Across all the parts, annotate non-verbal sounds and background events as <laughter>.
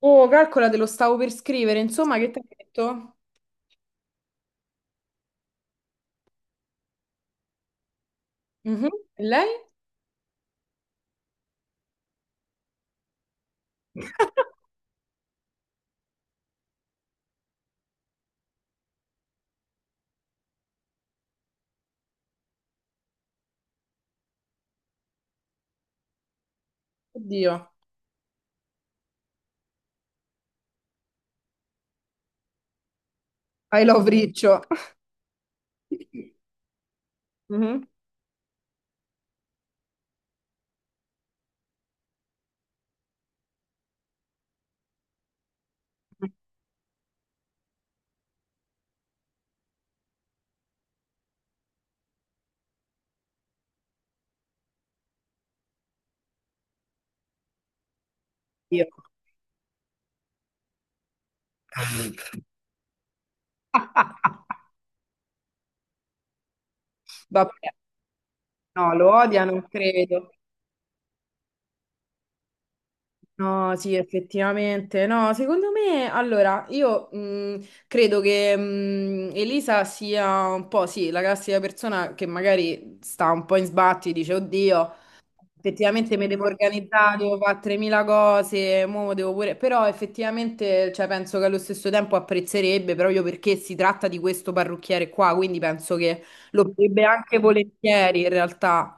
Oh, calcola, te lo stavo per scrivere. Insomma, che ti ha detto? Mhm. E lei? Oddio. I love Riccio. Mhm. Io. <laughs> Vabbè, no, lo odia, non credo. No, sì, effettivamente. No, secondo me, allora, io credo che Elisa sia un po', sì, la classica persona che magari sta un po' in sbatti, dice, oddio, effettivamente me devo organizzare, devo fare 3.000 cose, mo devo pure. Però effettivamente cioè, penso che allo stesso tempo apprezzerebbe proprio perché si tratta di questo parrucchiere qua, quindi penso che lo farebbe anche volentieri in realtà.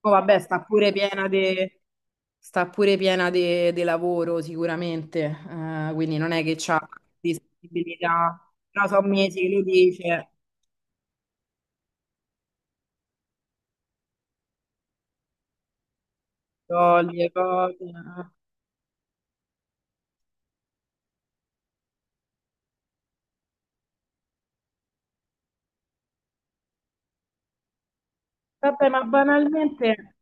Poi vabbè, sta pure piena de lavoro sicuramente, quindi non è che c'ha disponibilità, però sono mesi che lui dice, toglie cose. Vabbè, ma banalmente.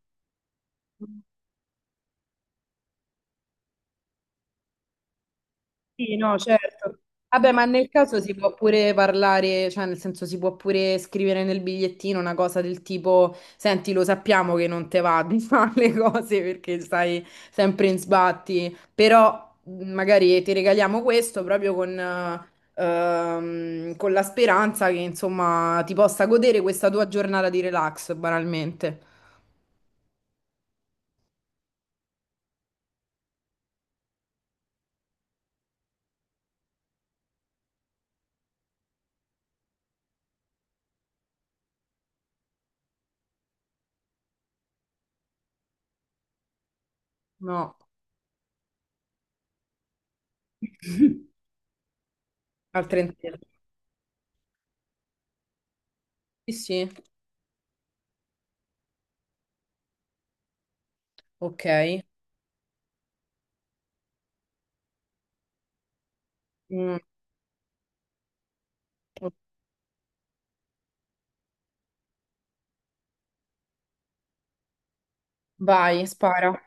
Sì, no, certo. Vabbè, ma nel caso si può pure parlare, cioè nel senso si può pure scrivere nel bigliettino una cosa del tipo, senti, lo sappiamo che non te va di <laughs> fare le cose perché stai sempre in sbatti, però magari ti regaliamo questo proprio con la speranza che insomma ti possa godere questa tua giornata di relax, banalmente. No, <laughs> al trentesimo. Sì, sì, ok. Mm. Ok. Vai, spara.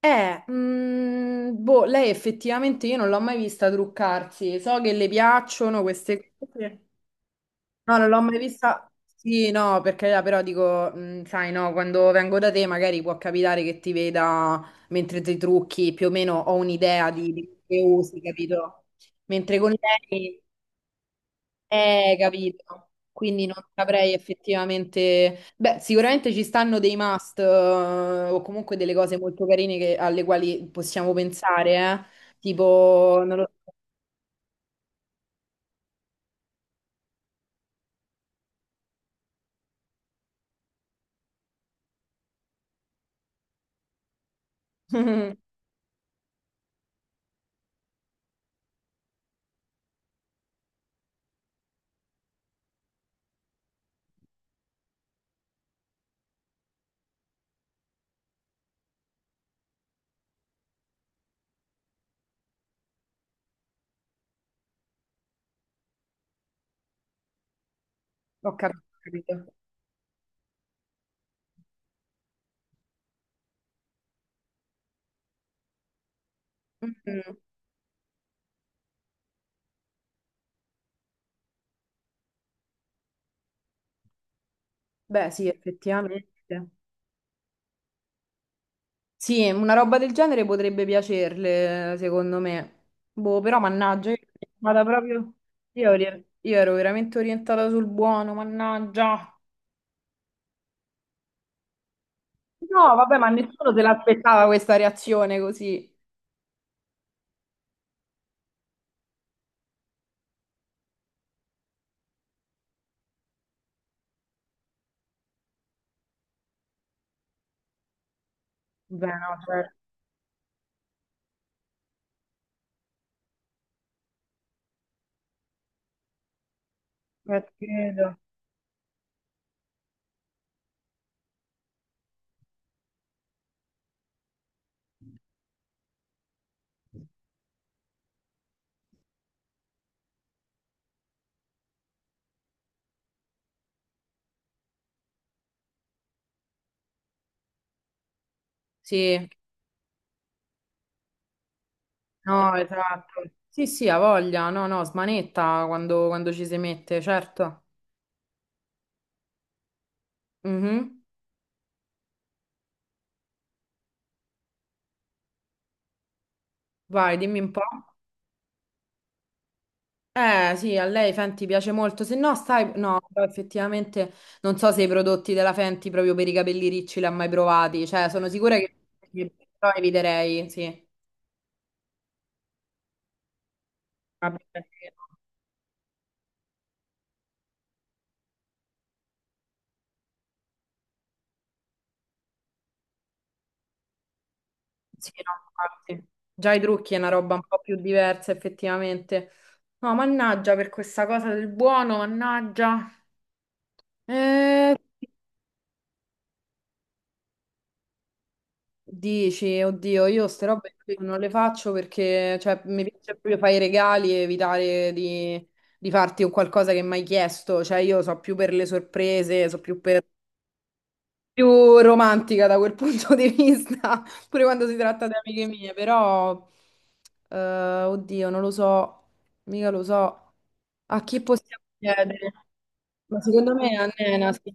Boh, lei effettivamente io non l'ho mai vista truccarsi. So che le piacciono queste cose. No, non l'ho mai vista. Sì, no, perché però dico, sai, no, quando vengo da te magari può capitare che ti veda mentre ti trucchi, più o meno ho un'idea di quello che usi, capito? Mentre con lei. Capito. Quindi non saprei effettivamente. Beh, sicuramente ci stanno dei must, o comunque delle cose molto carine che- alle quali possiamo pensare, eh. Tipo, non lo so, ho capito. Ho capito. Mm. Beh, sì, effettivamente. Sì, una roba del genere potrebbe piacerle, secondo me. Boh, però mannaggia, io vado proprio. Io ero veramente orientata sul buono, mannaggia. No, vabbè, ma nessuno se l'aspettava questa reazione così. Beh, no, certo, credo. Sì, no, esatto. Sì, sì, ha voglia. No, no, smanetta quando ci si mette, certo. Mhm. Vai, dimmi un po'. Sì, a lei Fenty piace molto. Se no, stai... No, però effettivamente non so se i prodotti della Fenty proprio per i capelli ricci li ha mai provati. Cioè, sono sicura che. Però eviterei, sì. Vabbè, perché. Sì, no, infatti. Già i trucchi è una roba un po' più diversa, effettivamente. No, mannaggia per questa cosa del buono, mannaggia. Eh, dici, oddio, io ste robe qui non le faccio perché, cioè, mi piace proprio fare i regali e evitare di farti un qualcosa che mi hai chiesto. Cioè, io so più per le sorprese, so più per più romantica da quel <laughs> punto di vista, <laughs> pure quando si tratta di amiche mie, però, eh, oddio, non lo so, mica lo so, a chi possiamo chiedere? Ma secondo me a Nena, sì.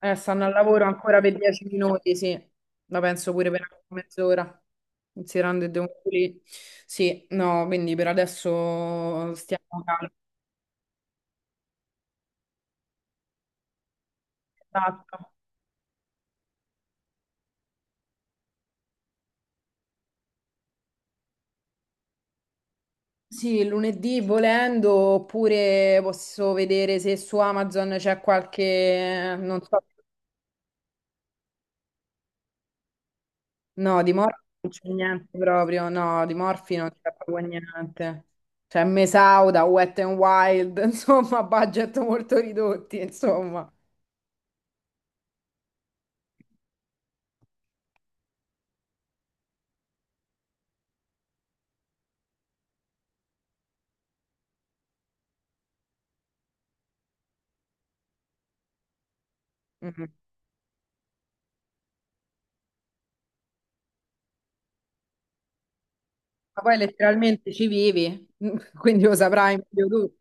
Stanno al lavoro ancora per 10 minuti, sì, la penso pure per mezz'ora, considerando che devo pulire. Sì, no, quindi per adesso stiamo calmi. Esatto. Sì, lunedì volendo, oppure posso vedere se su Amazon c'è qualche, non so, no, di Morphy non c'è niente proprio, no, di Morphy non c'è proprio niente. C'è Mesauda, Wet n Wild, <laughs> insomma, budget molto ridotti, insomma. Mm. Ma poi letteralmente ci vivi, <laughs> quindi lo saprai meglio tu.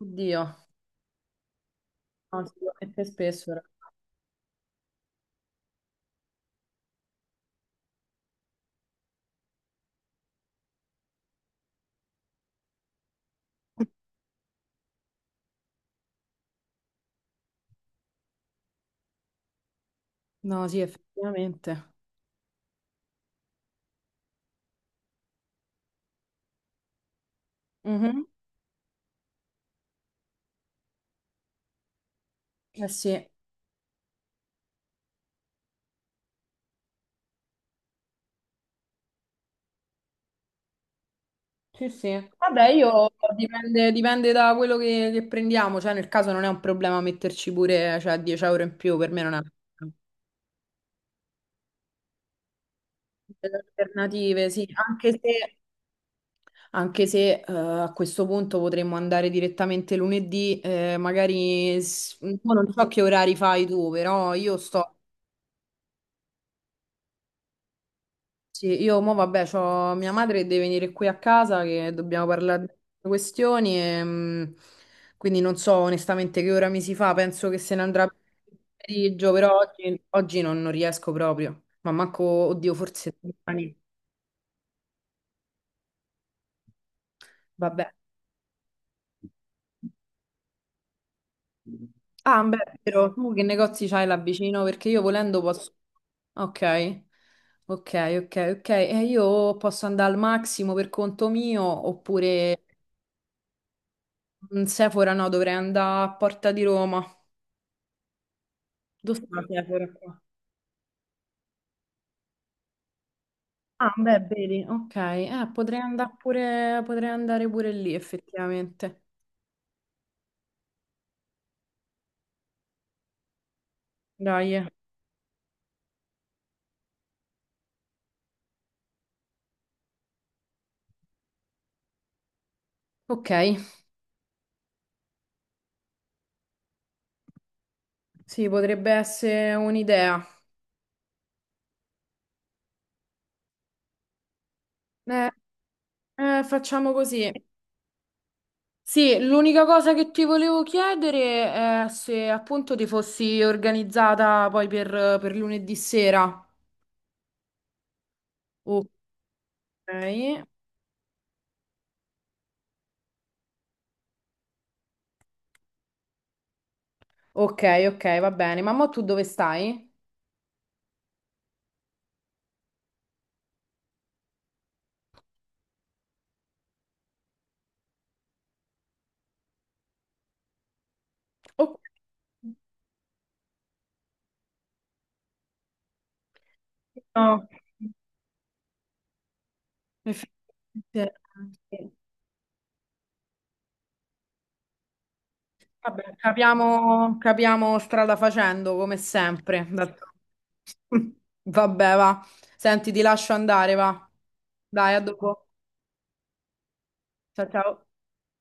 Oddio, no, sicuramente spesso. No, sì, effettivamente. Mhm. Eh sì. Sì, sì. Vabbè, io dipende, dipende da quello che prendiamo, cioè nel caso non è un problema metterci pure, cioè, 10 euro in più, per me non è. Delle alternative, sì, anche se, a questo punto potremmo andare direttamente lunedì, magari s- un po' non so che orari fai tu, però io sto. Sì, io mo vabbè, c'ho mia madre che deve venire qui a casa che dobbiamo parlare di queste questioni e, quindi non so onestamente che ora mi si fa, penso che se ne andrà per il pomeriggio, però oggi, oggi non riesco proprio, ma manco, oddio, forse domani, vabbè. Ah, beh, è vero, tu che negozi c'hai là vicino? Perché io volendo posso. Ok, ok, ok, ok, e io posso andare al massimo per conto mio oppure. Mm, Sephora no, dovrei andare a Porta di Roma. Dove sta Sephora qua? Ah, beh, vedi, ok. Potrei andare pure lì, effettivamente. Dai. Eh. Ok, sì, potrebbe essere un'idea. Eh, facciamo così. Sì, l'unica cosa che ti volevo chiedere è se appunto ti fossi organizzata poi per lunedì sera. Ok, ok, ok, va bene. Ma mo tu dove stai? Ok. No, effettivamente, sì. Vabbè, capiamo, capiamo strada facendo come sempre. D'altro- <laughs> Vabbè, va. Senti, ti lascio andare, va. Dai, a dopo. Ciao ciao.